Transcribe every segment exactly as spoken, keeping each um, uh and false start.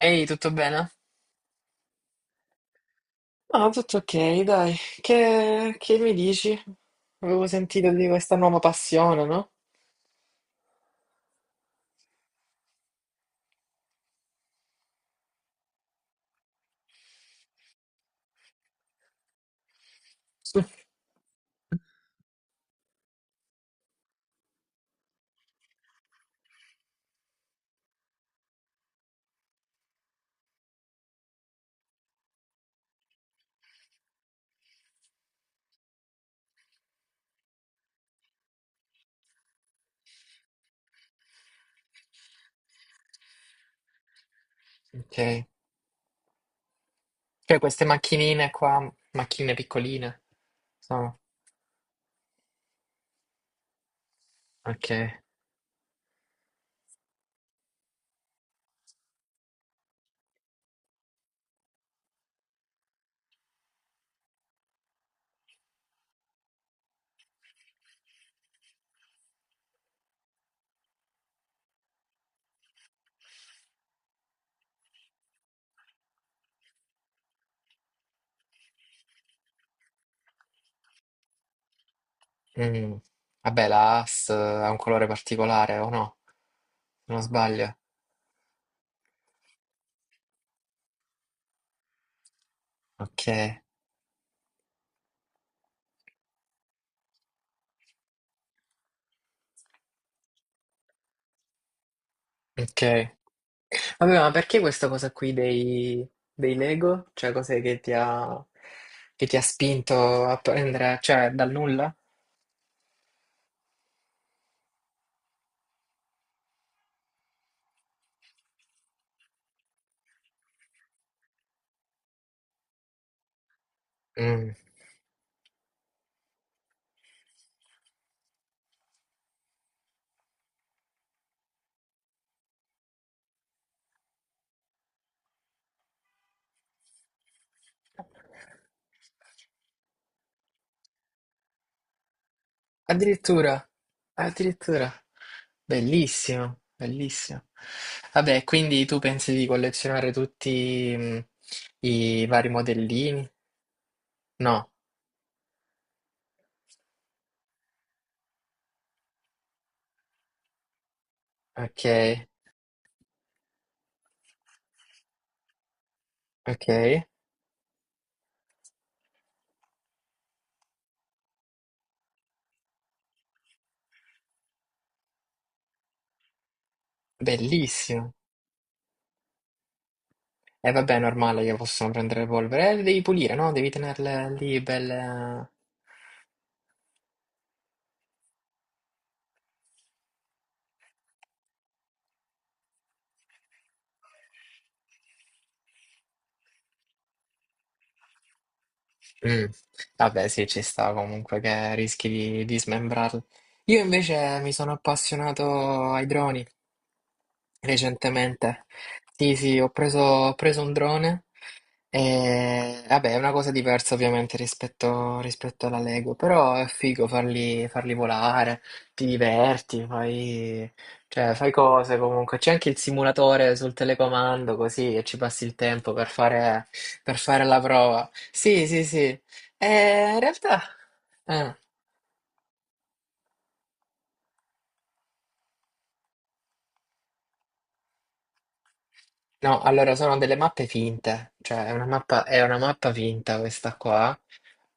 Ehi, tutto bene? Ah, tutto ok, dai. Che, che mi dici? Avevo sentito di questa nuova passione, no? Ok. Cioè, queste macchinine qua, macchine piccoline, sono... Ok. Mm. Vabbè, la A S ha un colore particolare, o no? Se non sbaglio. Ok. Ok. Vabbè, ma perché questa cosa qui dei, dei Lego? Cioè, cos'è che ti ha, che ti ha spinto a prendere, cioè, dal nulla? Mm. Addirittura, addirittura. Bellissimo, bellissimo. Vabbè, quindi tu pensi di collezionare tutti mh, i vari modellini? No, ok, ok. Bellissimo. E vabbè, è normale che possono prendere polvere. Eh, le devi pulire, no? Devi tenerle lì belle. Mm. Vabbè, sì, ci sta comunque che rischi di, di smembrarlo. Io invece mi sono appassionato ai droni recentemente. Sì, sì, ho preso, ho preso un drone e, vabbè, è una cosa diversa ovviamente rispetto, rispetto alla Lego, però è figo farli, farli volare, ti diverti, fai, cioè, fai cose comunque. C'è anche il simulatore sul telecomando così e ci passi il tempo per fare, per fare la prova. Sì, sì, sì. E in realtà... eh, no, allora sono delle mappe finte, cioè è una mappa, è una mappa finta questa qua.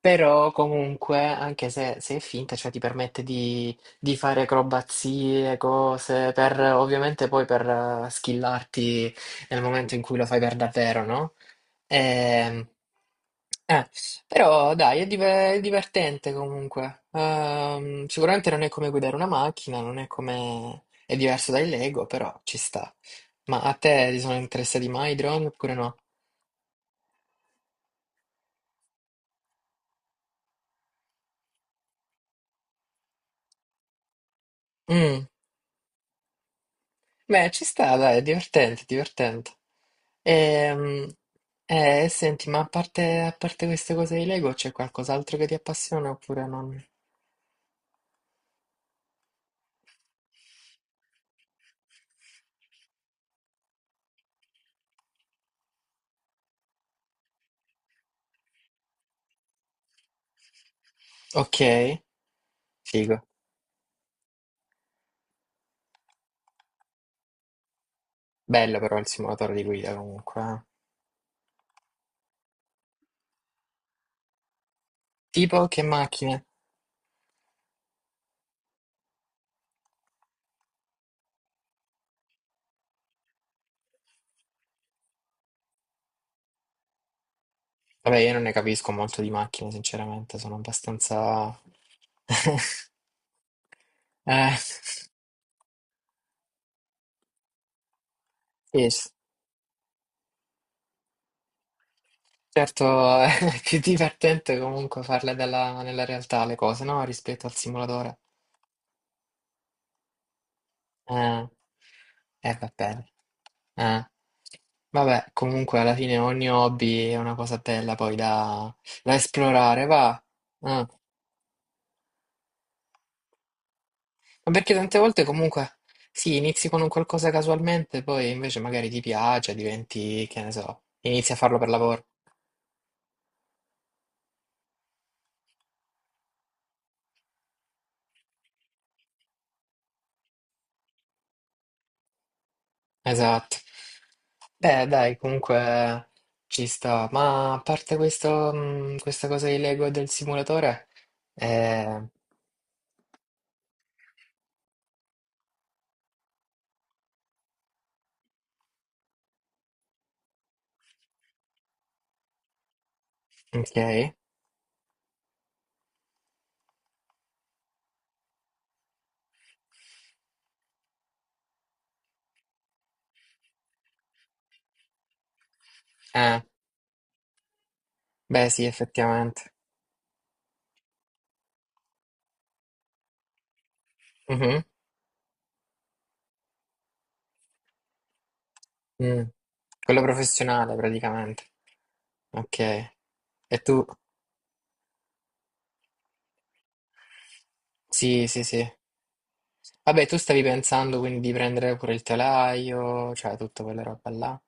Però comunque, anche se, se è finta, cioè ti permette di, di fare acrobazie, cose, per ovviamente poi per eh, skillarti nel momento in cui lo fai per davvero, no? Ehm, eh, però dai, è, dive- è divertente comunque. Ehm, sicuramente non è come guidare una macchina, non è come... è diverso dai Lego, però ci sta. Ma a te ti sono interessati mai i drone oppure no? Mm. Beh, ci sta, dai, è divertente, è divertente. Ehm, eh, senti, ma a parte, a parte queste cose di Lego, c'è qualcos'altro che ti appassiona oppure non? Ok, figo. Bello però il simulatore di guida comunque. Eh. Tipo che macchine? Vabbè, io non ne capisco molto di macchine, sinceramente, sono abbastanza... Eh, sì, s- certo, è più divertente comunque farle dalla- nella realtà le cose, no? Rispetto al simulatore. Ah, eh, va bene. Ah. Vabbè, comunque alla fine ogni hobby è una cosa bella poi da, da esplorare, va. Ah, ma perché tante volte comunque sì, inizi con un qualcosa casualmente, poi invece magari ti piace, diventi, che ne so, inizi a farlo per lavoro. Esatto. Beh, dai, comunque ci sta. Ma a parte questo, mh, questa cosa di Lego e del simulatore, eh, ok. Eh, beh, sì, effettivamente. Mhm. Mm. Quello professionale, praticamente. Ok. E tu? Sì, sì, sì. Vabbè, tu stavi pensando quindi di prendere pure il telaio, cioè tutta quella roba là.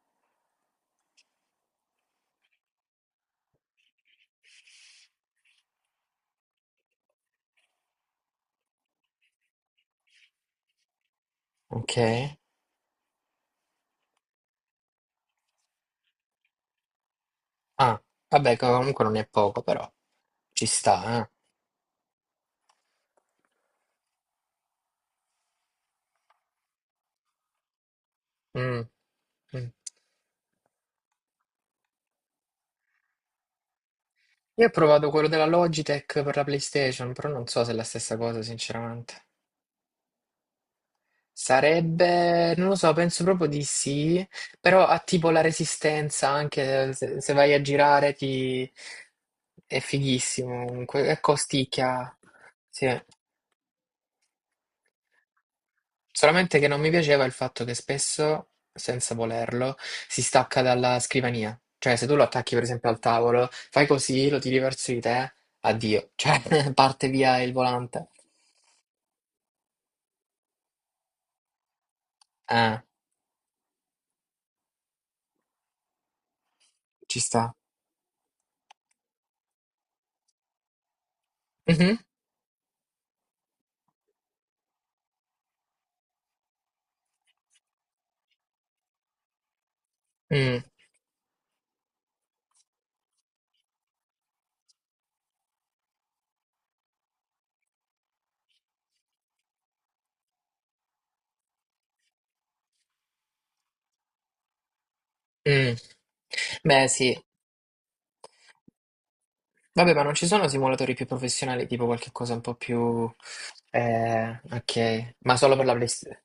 Ok. Ah, vabbè, comunque non è poco, però ci sta, eh. Mm, mm. Io ho provato quello della Logitech per la PlayStation, però non so se è la stessa cosa, sinceramente. Sarebbe, non lo so, penso proprio di sì, però ha tipo la resistenza, anche se, se vai a girare ti... è fighissimo, comunque, è costicchia, sì. Solamente che non mi piaceva il fatto che spesso, senza volerlo, si stacca dalla scrivania. Cioè, se tu lo attacchi per esempio al tavolo, fai così, lo tiri verso di te, addio, cioè parte via il volante. Ah, ci sta. Mhm, mm, mm. Beh, sì. Vabbè, ma non ci sono simulatori più professionali, tipo qualche cosa un po' più... Eh, ok. Ma solo per la PlayStation?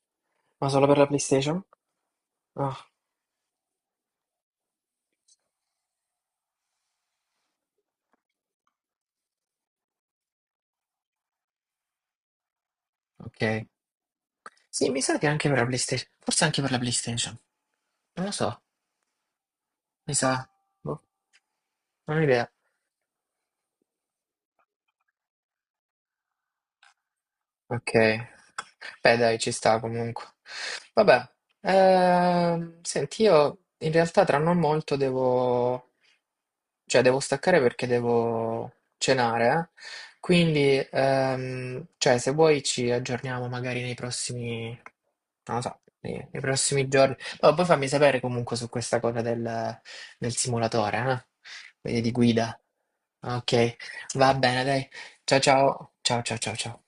Ma solo per la PlayStation? Ah, ok. Sì, mi sa che anche per la PlayStation. Forse anche per la PlayStation. Non lo so, mi sa. Boh, non ho idea. Ok. Beh, dai, ci sta comunque. Vabbè, ehm, senti, io in realtà tra non molto devo, cioè devo staccare perché devo cenare, eh. Quindi, ehm, cioè, se vuoi ci aggiorniamo magari nei prossimi, non lo so, nei, nei prossimi giorni. Ma poi fammi sapere comunque su questa cosa del, del simulatore, eh? Quindi di guida. Ok, va bene, dai. Ciao ciao, ciao ciao ciao ciao.